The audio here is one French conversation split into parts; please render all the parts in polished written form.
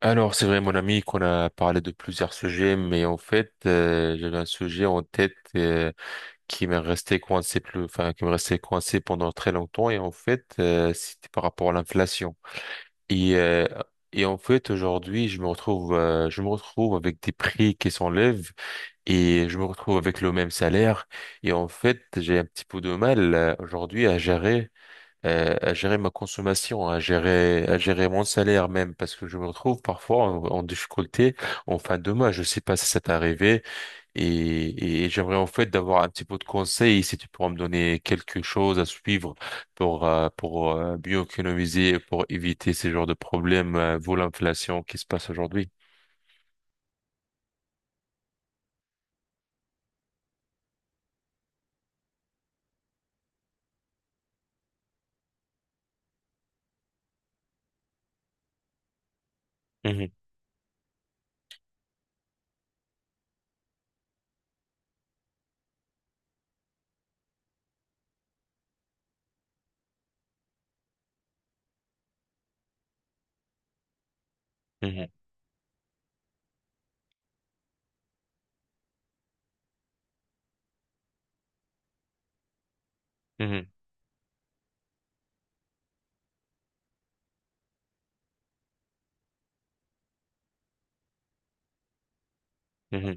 Alors, c'est vrai, mon ami, qu'on a parlé de plusieurs sujets, mais en fait, j'avais un sujet en tête qui m'est resté coincé plus, enfin, qui me restait coincé pendant très longtemps, et en fait, c'était par rapport à l'inflation. Et, euh, et en fait, aujourd'hui, je me retrouve avec des prix qui s'enlèvent, et je me retrouve avec le même salaire, et en fait, j'ai un petit peu de mal aujourd'hui à gérer ma consommation, à gérer mon salaire même, parce que je me retrouve parfois en difficulté en fin de mois. Je sais pas si ça t'est arrivé et j'aimerais en fait d'avoir un petit peu de conseils si tu pourras me donner quelque chose à suivre pour mieux économiser, et pour éviter ces genres de problèmes, vu l'inflation qui se passe aujourd'hui. Mhm, mhm, mhm, mhm.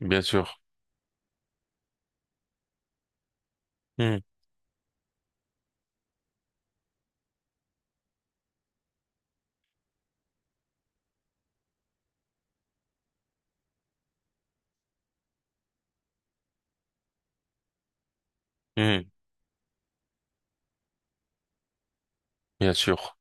Bien sûr. Mhm, mhm, Bien sûr.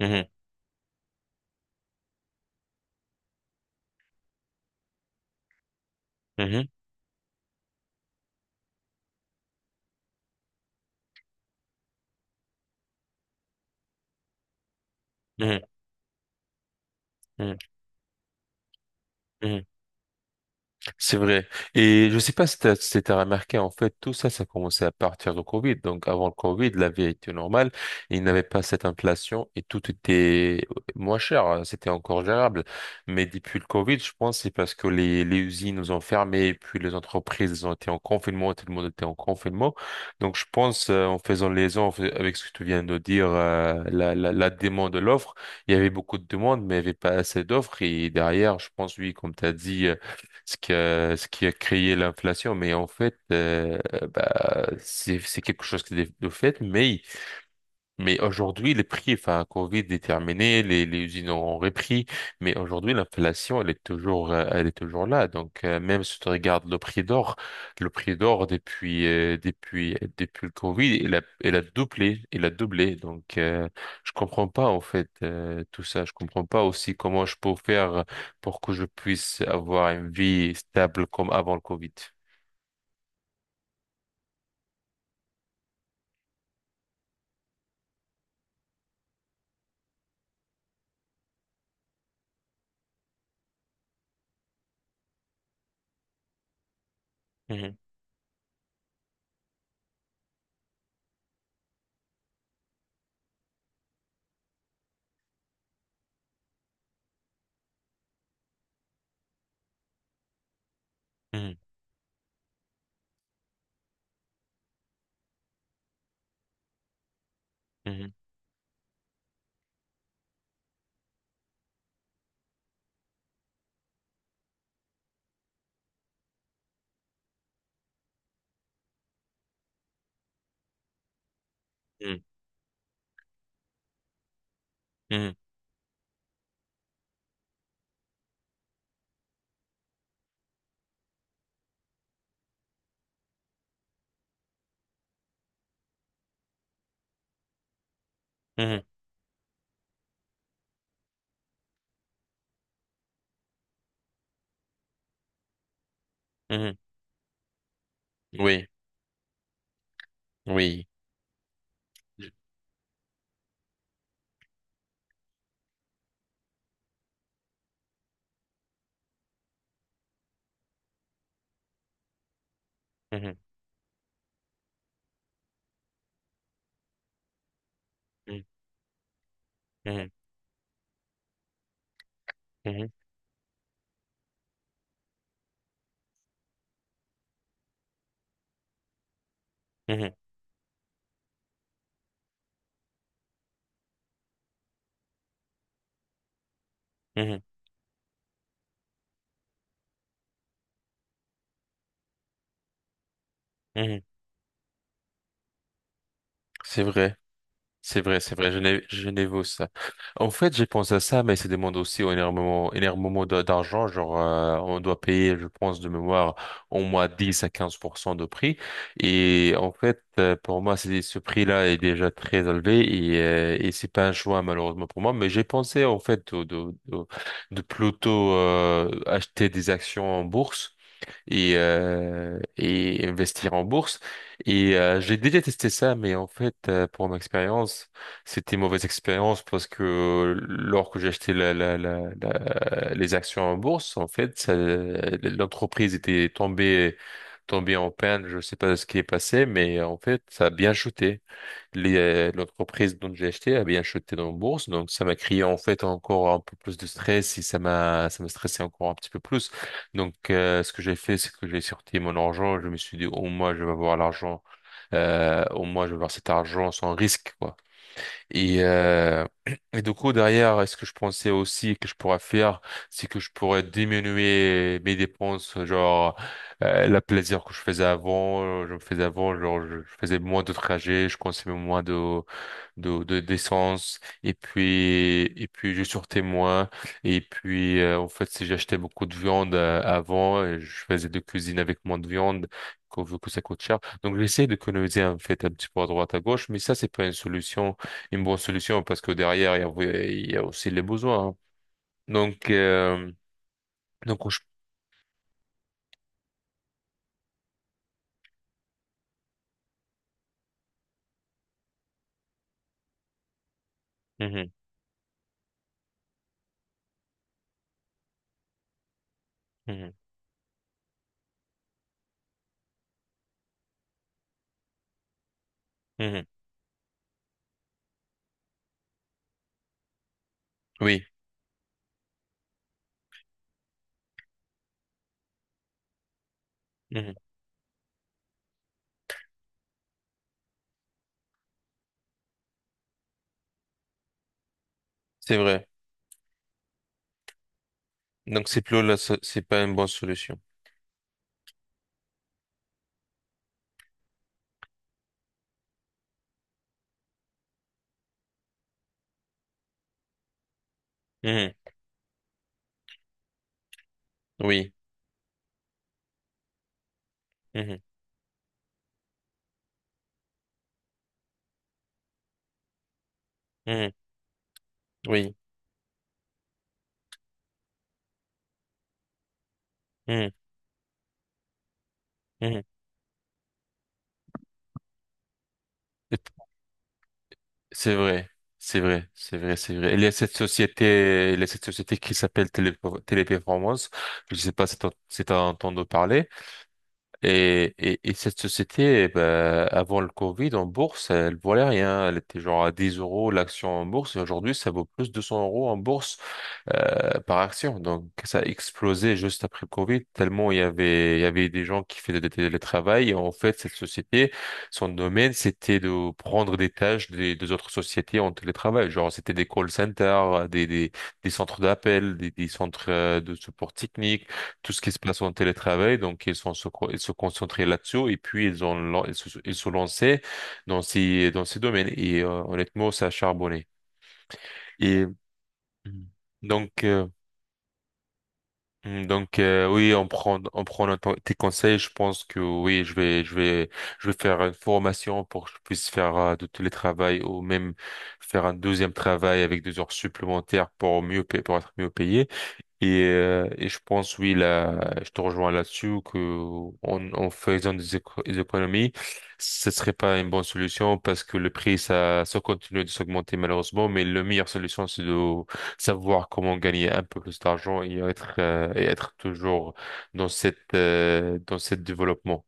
Mhm, mhm, mhm, mhm, mhm. C'est vrai. Et je sais pas si t'as remarqué, en fait, tout ça, ça commençait à partir du Covid. Donc, avant le Covid, la vie était normale. Il n'y avait pas cette inflation et tout était moins cher. C'était encore gérable. Mais depuis le Covid, je pense, que c'est parce que les usines nous ont fermé et puis les entreprises ont été en confinement, tout le monde était en confinement. Donc, je pense, en faisant les liaison en avec ce que tu viens de dire, euh, la demande de l'offre, il y avait beaucoup de demandes, mais il n'y avait pas assez d'offres. Et derrière, je pense, oui, comme tu as dit, ce qui a créé l'inflation. Mais en fait, bah, c'est quelque chose qui est de fait, mais aujourd'hui, les prix, enfin, Covid est terminé, les usines ont repris, mais aujourd'hui, l'inflation, elle est toujours là. Donc, même si tu regardes le prix d'or, le prix d'or depuis le Covid, il a doublé. Donc, je comprends pas, en fait, tout ça. Je comprends pas aussi comment je peux faire pour que je puisse avoir une vie stable comme avant le Covid. Mhm, mhm, mhm, mhm, mhm, mhm, mhm. Oui, oui. Mhm, mhm. Mhm, mhm, mhm, mhm, mhm. C'est vrai, c'est vrai, c'est vrai, Genève, Genève, ça. En fait, j'ai pensé à ça, mais ça demande aussi énormément, énormément d'a- d'argent. Genre, on doit payer, je pense, de mémoire, au moins 10 à 15% de prix. Et en fait, pour moi, c'est, ce prix-là est déjà très élevé et c'est pas un choix, malheureusement, pour moi. Mais j'ai pensé, en fait, de plutôt, acheter des actions en bourse. Et, et investir en bourse. Et j'ai déjà testé ça, mais en fait, pour mon expérience, c'était une mauvaise expérience parce que lors que j'ai acheté les actions en bourse, en fait, ça- l'entreprise était tombée en panne. Je sais pas ce qui est passé, mais en fait, ça a bien chuté les, l'entreprise dont j'ai acheté a bien chuté dans la bourse, donc ça m'a créé en fait encore un peu plus de stress et ça m'a stressé encore un petit peu plus. Donc ce que j'ai fait, c'est que j'ai sorti mon argent, je me suis dit au moins je vais avoir l'argent, au moins je vais avoir cet argent sans risque quoi. Et, euh, et du coup, derrière, ce que je pensais aussi que je pourrais faire, c'est que je pourrais diminuer mes dépenses, genre la plaisir que je faisais avant, je me faisais avant, genre je faisais moins de trajets, je consommais moins de de d'essence et puis je sortais moins et puis en fait si j'achetais beaucoup de viande avant et je faisais de cuisine avec moins de viande qu'on veut que ça coûte cher donc j'essaie d'économiser en fait un petit peu à droite à gauche mais ça c'est pas une solution une bonne solution parce que derrière il y a, oui, il y a aussi les besoins hein. Donc donc je... Mhm, mhm, mhm. Oui, mhm. C'est vrai. Donc c'est plus là c'est pas une bonne solution. Mhm. Oui. Mhm, mhm. Oui. Mhm, mhm. Et- C'est vrai, c'est vrai, c'est vrai, c'est vrai. Il y a cette société, il y a cette société qui s'appelle Télé- Téléperformance. Je ne sais pas si tu as entendu parler. Et cette société, eh ben, avant le Covid, en bourse, elle valait rien. Elle était genre à 10 euros l'action en bourse. Et aujourd'hui, ça vaut plus de 200 euros en bourse par action. Donc, ça a explosé juste après le Covid, tellement il y avait des gens qui faisaient des télétravail. Et en fait, cette société, son domaine, c'était de prendre des tâches des autres sociétés en télétravail. Genre, c'était des call centers, des centres d'appel, des centres de support technique, tout ce qui se passe en télétravail. Donc, ils sont, se co- ils se concentraient là-dessus et puis ils ont, lan- ils se lançaient dans ces domaines. Et honnêtement, ça a charbonné. Et donc, Hmm, Donc oui, on prend notre- tes conseils. Je pense que oui, je vais faire une formation pour que je puisse faire de télétravail ou même faire un deuxième travail avec 2 heures supplémentaires pour mieux pa- pour être mieux payé. Et je pense, oui, là, je te rejoins là-dessus, que en faisant des, éco- des économies, ce serait pas une bonne solution parce que le prix, ça continue de s'augmenter malheureusement, mais la meilleure solution, c'est de savoir comment gagner un peu plus d'argent et être toujours dans cette développement.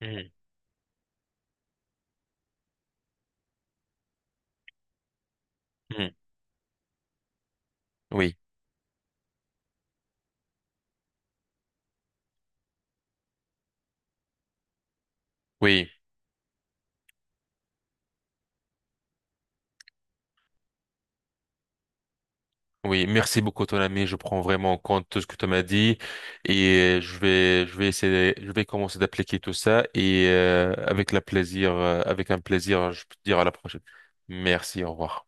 Mhm. Mhm. Oui, oui. Oui, merci beaucoup ton ami. Je prends vraiment en compte tout ce que tu m'as dit et je vais essayer, je vais commencer d'appliquer tout ça et avec la plaisir, avec un plaisir, je peux te dire à la prochaine. Merci, au revoir.